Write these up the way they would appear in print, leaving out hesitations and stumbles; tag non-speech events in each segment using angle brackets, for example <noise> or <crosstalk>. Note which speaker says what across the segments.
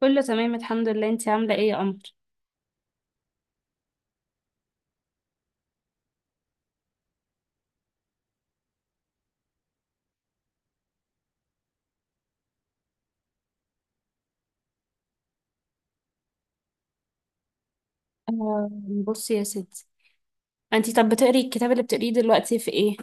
Speaker 1: كله تمام، الحمد لله. انتي عاملة ايه يا قمر؟ آه، بصي يا ستي، انتي طب بتقري الكتاب اللي بتقريه دلوقتي في ايه؟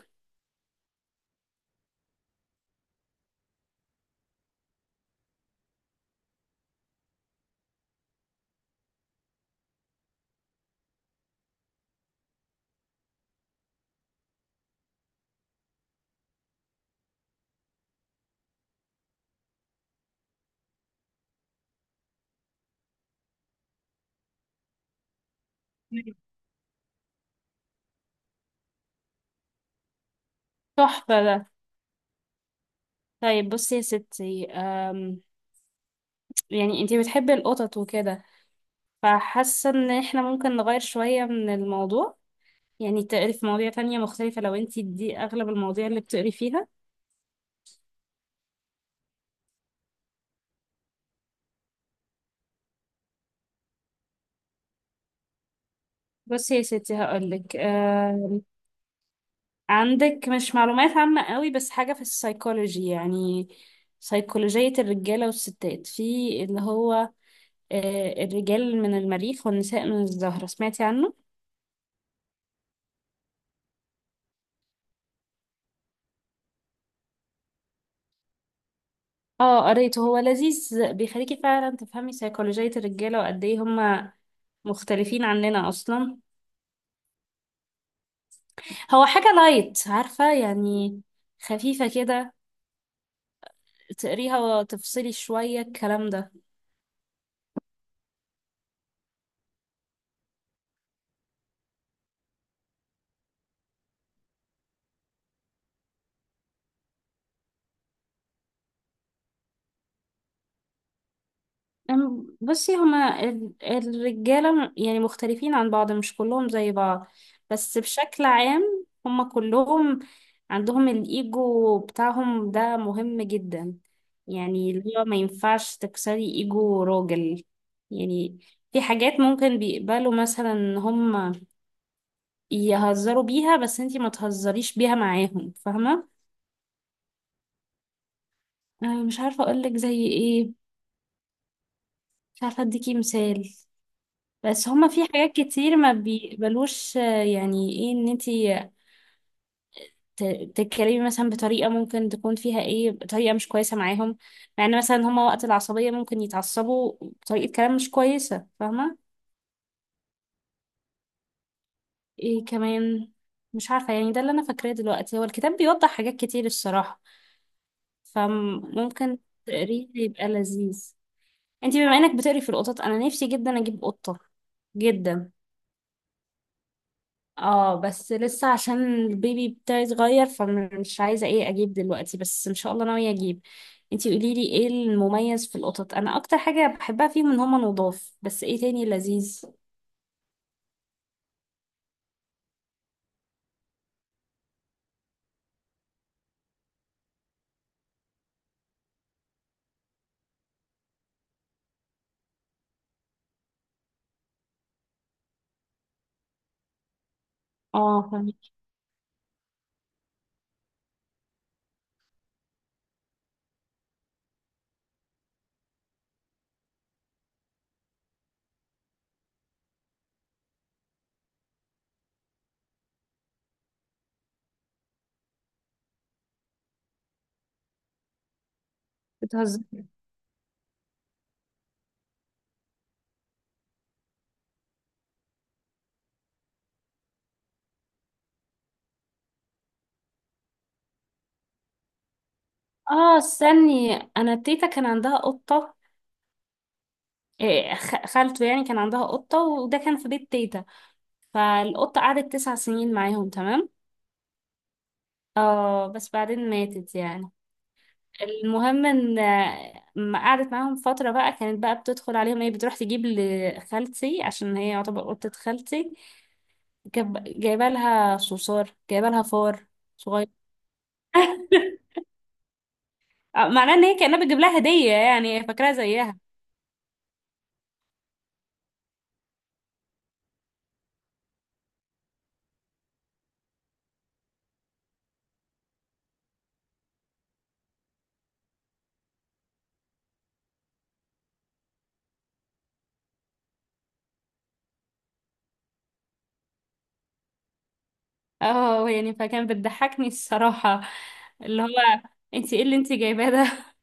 Speaker 1: تحفة ده. طيب بصي يا ستي، يعني انتي بتحبي القطط وكده، فحاسة ان احنا ممكن نغير شوية من الموضوع، يعني تقري في مواضيع تانية مختلفة لو انتي دي اغلب المواضيع اللي بتقري فيها. بصي يا ستي هقولك، عندك مش معلومات عامة قوي بس حاجة في السيكولوجي، يعني سيكولوجية الرجالة والستات في اللي هو الرجال من المريخ والنساء من الزهرة، سمعتي عنه؟ اه قريته، هو لذيذ، بيخليكي فعلا تفهمي سيكولوجية الرجالة وقد ايه هما مختلفين عننا اصلا. هو حاجة لايت عارفة يعني، خفيفة كده، تقريها وتفصلي شوية الكلام ده. بصي هما الرجالة يعني مختلفين عن بعض، مش كلهم زي بعض. بس بشكل عام هما كلهم عندهم الإيجو بتاعهم ده، مهم جدا، يعني اللي هو ما ينفعش تكسري إيجو راجل. يعني في حاجات ممكن بيقبلوا مثلا إن هما يهزروا بيها بس انتي ما تهزريش بيها معاهم، فاهمة؟ أنا مش عارفة أقولك زي إيه، مش عارفة أديكي مثال. بس هما في حاجات كتير ما بيقبلوش، يعني ايه ان انتي تتكلمي مثلا بطريقة ممكن تكون فيها ايه طريقة مش كويسة معاهم، مع ان مثلا هما وقت العصبية ممكن يتعصبوا بطريقة كلام مش كويسة، فاهمة؟ ايه كمان، مش عارفة يعني. ده اللي انا فاكراه دلوقتي، هو الكتاب بيوضح حاجات كتير الصراحة، فممكن تقريه يبقى لذيذ. انتي بما انك بتقري في القطط، انا نفسي جدا اجيب قطة، جدا. اه بس لسه عشان البيبي بتاعي صغير فمش عايزة ايه اجيب دلوقتي، بس ان شاء الله ناوية اجيب. انتي قوليلي ايه المميز في القطط، انا اكتر حاجة بحبها فيهم ان هما نضاف، بس ايه تاني لذيذ؟ اه فاهمة. بتهزر. اه استني، انا تيتا كان عندها قطة. إيه خالته يعني كان عندها قطة، وده كان في بيت تيتا. فالقطة قعدت 9 سنين معاهم، تمام. اه بس بعدين ماتت يعني. المهم ان ما قعدت معاهم فترة بقى، كانت بقى بتدخل عليهم ايه، بتروح تجيب لخالتي، عشان هي يعتبر قطة خالتي. جايبه لها صوصار، جايبه لها فار صغير. <laughs> معناه ان هي كأنها بتجيب لها هدية، يعني هي فاكراها زيها. اه، يعني فكان بتضحكني الصراحة، اللي هو انتي ايه اللي انتي جايباه ده؟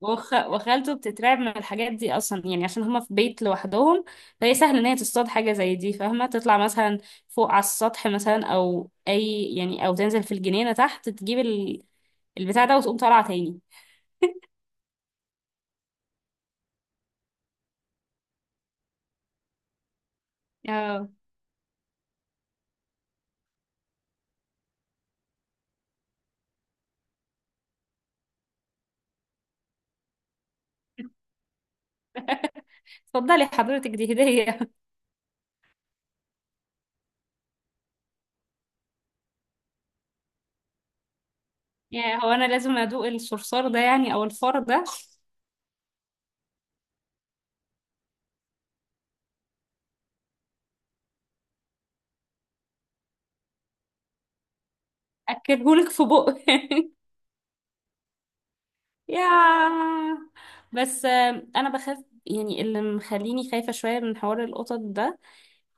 Speaker 1: وخالته بتترعب من الحاجات دي اصلا، يعني عشان هما في بيت لوحدهم، فهي سهل ان هي تصطاد حاجه زي دي، فاهمه، تطلع مثلا فوق على السطح مثلا، او اي يعني، او تنزل في الجنينه تحت تجيب البتاع ده، وتقوم طالعه تاني. اه اتفضلي حضرتك دي هديه. <laughs> يعني هو انا لازم ادوق الصرصار ده يعني، او الفار ده؟ اكلهولك في بق. <laughs> يا بس انا بخاف، يعني اللي مخليني خايفه شويه من حوار القطط ده،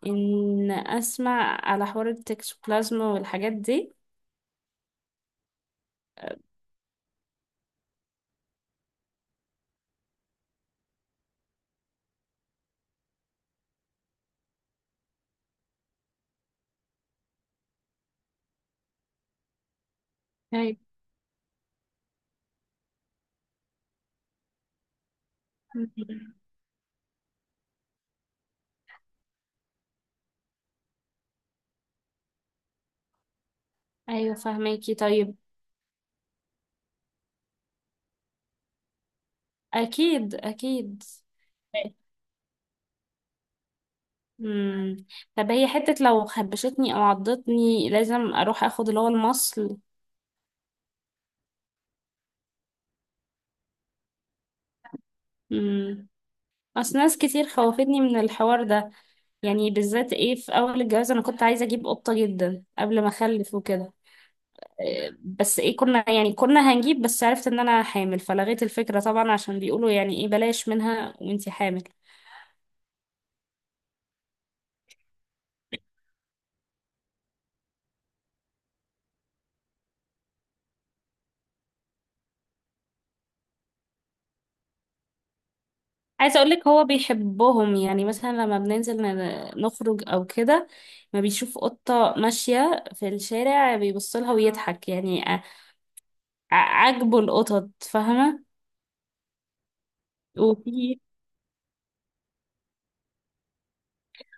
Speaker 1: ان اسمع على حوار التكسوبلازما والحاجات دي. طيب. ايوه فهماكي. طيب. اكيد اكيد. امم. طب هي حتة لو خبشتني او عضتني لازم اروح اخد اللي هو المصل؟ امم. اصل ناس كتير خوفتني من الحوار ده، يعني بالذات ايه في اول الجواز انا كنت عايزة اجيب قطة جدا قبل ما اخلف وكده، بس ايه كنا يعني كنا هنجيب، بس عرفت ان انا حامل فلغيت الفكرة طبعا عشان بيقولوا يعني ايه بلاش منها وانتي حامل. عايزة اقولك هو بيحبهم، يعني مثلا لما بننزل نخرج او كده، ما بيشوف قطة ماشية في الشارع بيبصلها ويضحك يعني، عاجبه القطط، فاهمة؟ وفي،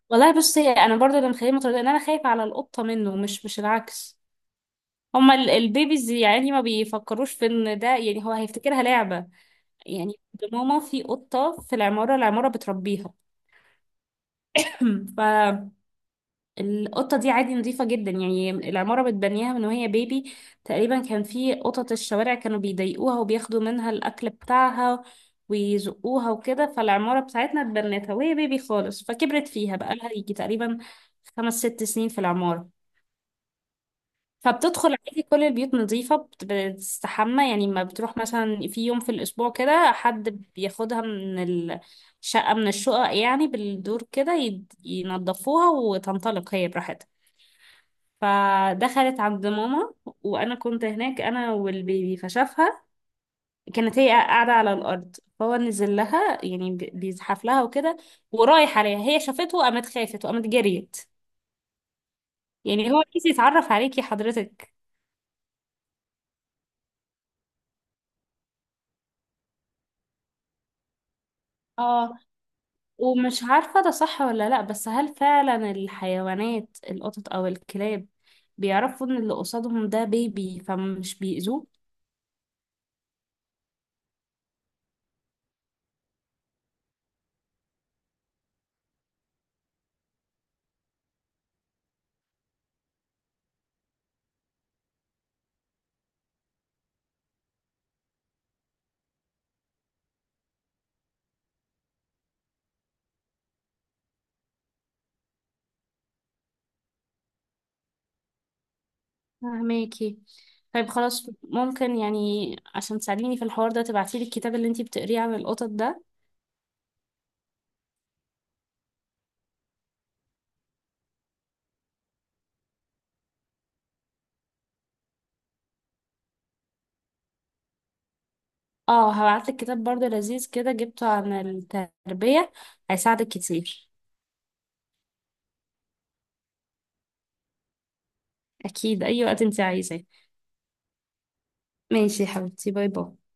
Speaker 1: والله بصي انا برضه اللي مخليني متردده ان انا خايفة على القطة منه، مش مش العكس. هما البيبيز يعني ما بيفكروش في ان ده، يعني هو هيفتكرها لعبة يعني. عند ماما في قطة في العمارة، العمارة بتربيها. <clears throat> فالقطة دي عادي، نظيفة جدا يعني، العمارة بتبنيها من وهي بيبي تقريبا. كان في قطط الشوارع كانوا بيضايقوها وبياخدوا منها الأكل بتاعها ويزقوها وكده، فالعمارة بتاعتنا اتبنتها وهي بيبي خالص، فكبرت فيها، بقى لها يجي تقريبا 5 6 سنين في العمارة. فبتدخل عادي كل البيوت، نظيفة، بتستحمى يعني، ما بتروح مثلا في يوم في الأسبوع كده حد بياخدها من الشقة، من الشقق يعني بالدور كده، ينضفوها وتنطلق هي براحتها. فدخلت عند ماما وأنا كنت هناك، أنا والبيبي، فشافها. كانت هي قاعدة على الأرض، فهو نزل لها يعني، بيزحف لها وكده، ورايح عليها، هي شافته وقامت خافت وقامت جريت. يعني هو عايز يتعرف عليكي حضرتك. اه، ومش عارفة ده صح ولا لأ، بس هل فعلا الحيوانات، القطط أو الكلاب، بيعرفوا إن اللي قصادهم ده بيبي فمش بيأذوه؟ فهماكي. طيب خلاص، ممكن يعني عشان تساعديني في الحوار ده تبعتيلي الكتاب اللي انتي بتقريه عن القطط ده؟ اه هبعتلك كتاب برضه لذيذ كده جبته عن التربية، هيساعدك كتير. أكيد أي وقت انتي عايزاه. ماشي يا حبيبتي، باي باي.